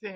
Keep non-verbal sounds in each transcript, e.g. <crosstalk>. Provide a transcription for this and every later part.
Sì,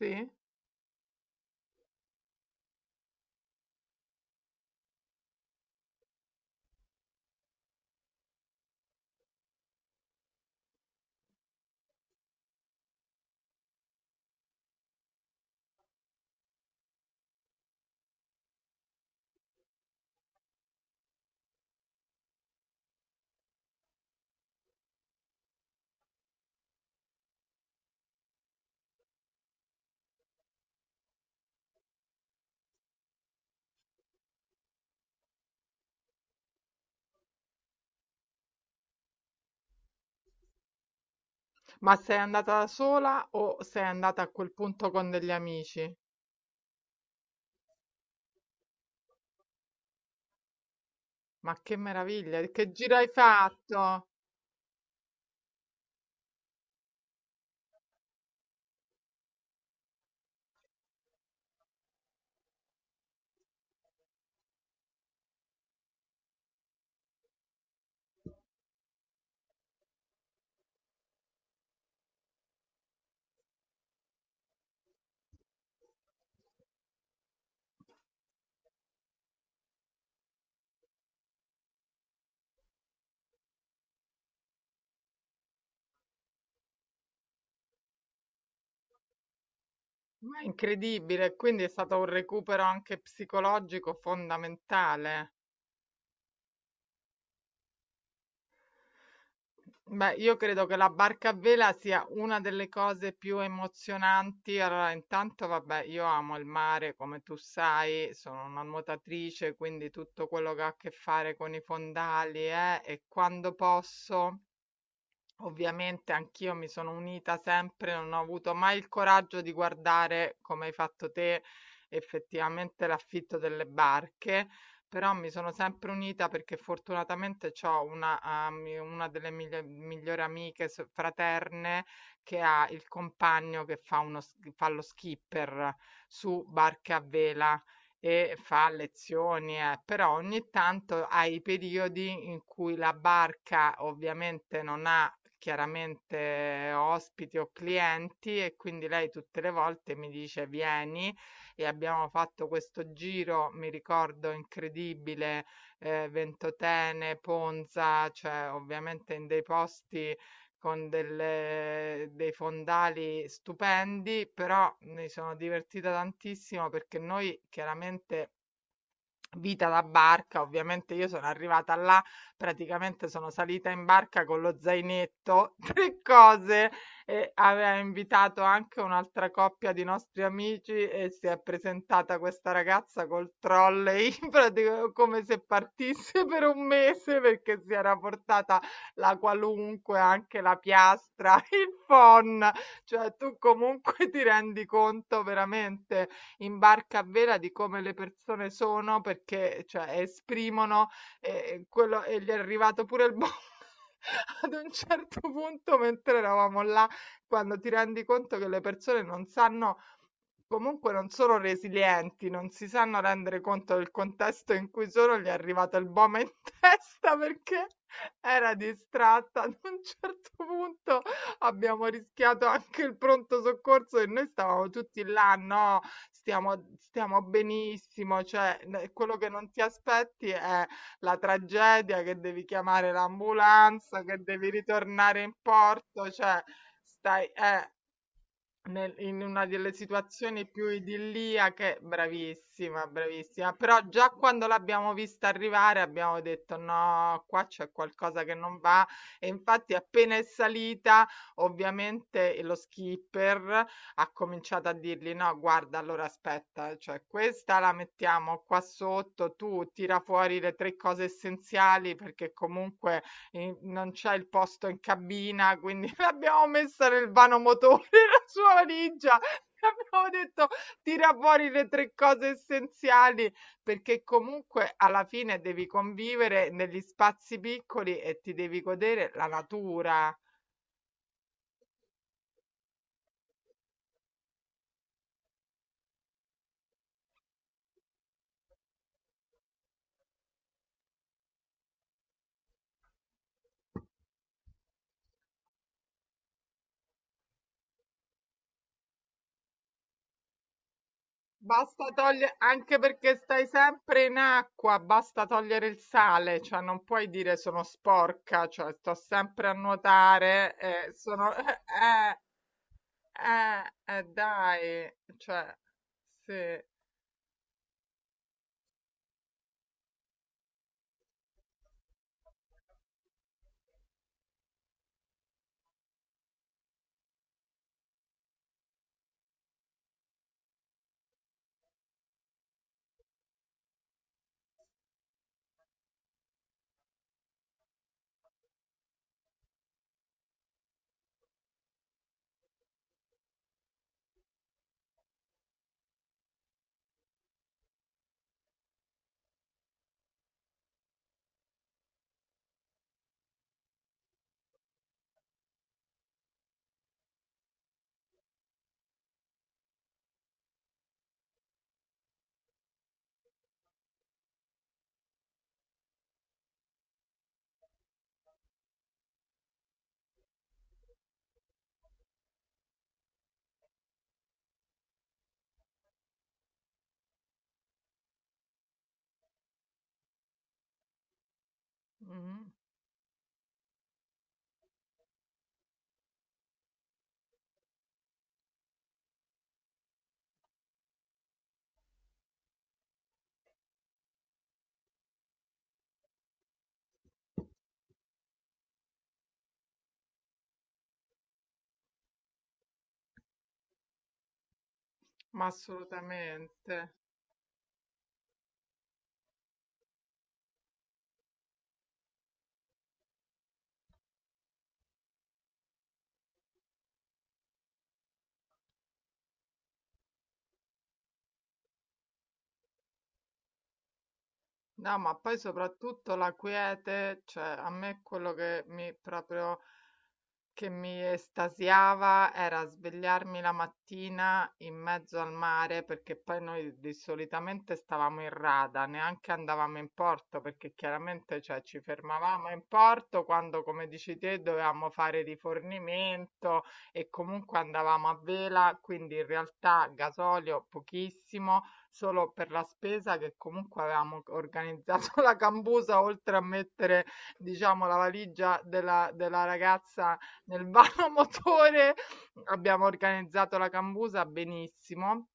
sì. Ma sei andata da sola o sei andata a quel punto con degli amici? Ma che meraviglia, che giro hai fatto? Ma è incredibile, quindi è stato un recupero anche psicologico fondamentale. Beh, io credo che la barca a vela sia una delle cose più emozionanti. Allora, intanto, vabbè, io amo il mare, come tu sai, sono una nuotatrice, quindi tutto quello che ha a che fare con i fondali, e quando posso. Ovviamente anch'io mi sono unita sempre, non ho avuto mai il coraggio di guardare, come hai fatto te, effettivamente l'affitto delle barche, però mi sono sempre unita perché fortunatamente ho una, una delle migliori amiche fraterne che ha il compagno che fa, uno, fa lo skipper su barche a vela e fa lezioni, però ogni tanto ha i periodi in cui la barca ovviamente non ha chiaramente ospiti o clienti, e quindi lei tutte le volte mi dice vieni e abbiamo fatto questo giro, mi ricordo, incredibile, Ventotene, Ponza, cioè ovviamente in dei posti con delle dei fondali stupendi, però mi sono divertita tantissimo perché noi chiaramente vita da barca, ovviamente io sono arrivata là, praticamente sono salita in barca con lo zainetto, <laughs> tre cose, e aveva invitato anche un'altra coppia di nostri amici e si è presentata questa ragazza col trolley, <laughs> praticamente come se partisse per un mese perché si era portata la qualunque, anche la piastra, <laughs> il phon, cioè tu comunque ti rendi conto veramente in barca a vela di come le persone sono perché, cioè, esprimono, quello. E gli è arrivato pure il bolle <laughs> ad un certo punto mentre eravamo là, quando ti rendi conto che le persone non sanno, comunque non sono resilienti, non si sanno rendere conto del contesto in cui sono, gli è arrivato il bome in <laughs> testa perché era distratta. Ad un certo punto abbiamo rischiato anche il pronto soccorso e noi stavamo tutti là, no, stiamo, stiamo benissimo, cioè quello che non ti aspetti è la tragedia che devi chiamare l'ambulanza, che devi ritornare in porto, cioè stai, nel in una delle situazioni più idilliache, bravissima, bravissima. Però già quando l'abbiamo vista arrivare abbiamo detto: "No, qua c'è qualcosa che non va". E infatti appena è salita, ovviamente lo skipper ha cominciato a dirgli: "No, guarda, allora aspetta, cioè questa la mettiamo qua sotto, tu tira fuori le 3 cose essenziali, perché comunque e non c'è il posto in cabina, quindi <laughs> l'abbiamo messa nel motori la sua valigia. <laughs> Abbiamo detto tira fuori le tre cose essenziali, perché comunque alla fine devi convivere negli spazi piccoli e ti devi godere la natura. Basta togliere, anche perché stai sempre in acqua, basta togliere il sale, cioè non puoi dire sono sporca, cioè sto sempre a nuotare, sono <laughs> eh, dai, cioè, sì, mhm, ma assolutamente. No, ma poi soprattutto la quiete, cioè, a me è quello che mi proprio che mi estasiava era svegliarmi la mattina in mezzo al mare, perché poi noi di solitamente stavamo in rada, neanche andavamo in porto, perché chiaramente, cioè, ci fermavamo in porto quando, come dici te, dovevamo fare rifornimento e comunque andavamo a vela, quindi in realtà gasolio pochissimo, solo per la spesa che comunque avevamo organizzato <laughs> la cambusa, oltre a mettere, diciamo, la valigia della ragazza nel <laughs> vano motore. Abbiamo organizzato la cambusa benissimo.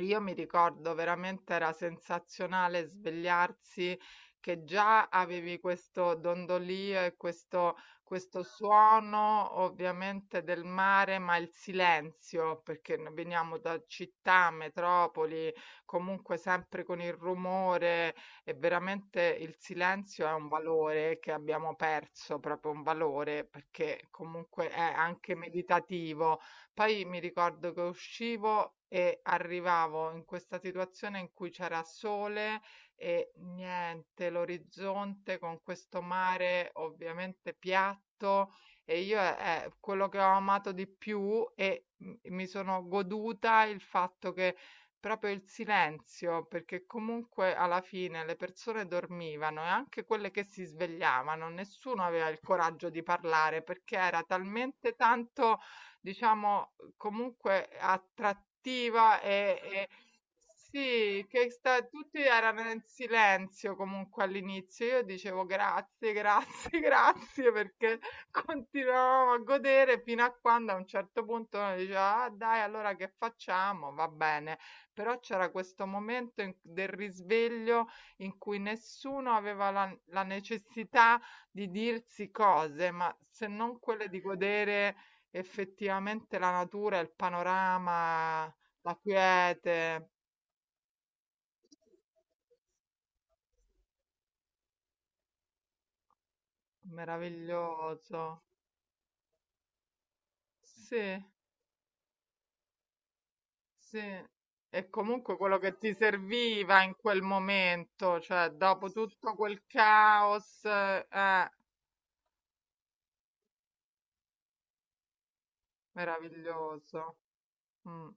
Io mi ricordo veramente era sensazionale svegliarsi, che già avevi questo dondolio e questo suono ovviamente del mare, ma il silenzio, perché noi veniamo da città, metropoli, comunque sempre con il rumore, e veramente il silenzio è un valore che abbiamo perso, proprio un valore, perché comunque è anche meditativo. Poi mi ricordo che uscivo e arrivavo in questa situazione in cui c'era sole e niente, l'orizzonte con questo mare ovviamente piatto, e io è quello che ho amato di più, e mi sono goduta il fatto che proprio il silenzio, perché comunque alla fine le persone dormivano e anche quelle che si svegliavano, nessuno aveva il coraggio di parlare perché era talmente tanto, diciamo, comunque attrattiva e- sì, che tutti erano in silenzio comunque all'inizio. Io dicevo grazie, grazie, <laughs> grazie, perché continuavamo a godere fino a quando a un certo punto uno diceva, ah, dai, allora che facciamo? Va bene. Però c'era questo momento del risveglio in cui nessuno aveva la necessità di dirsi cose, ma se non quelle di godere effettivamente la natura, il panorama, la quiete, meraviglioso. Sì, sì. E comunque quello che ti serviva in quel momento, cioè dopo tutto quel caos, meraviglioso. Mm.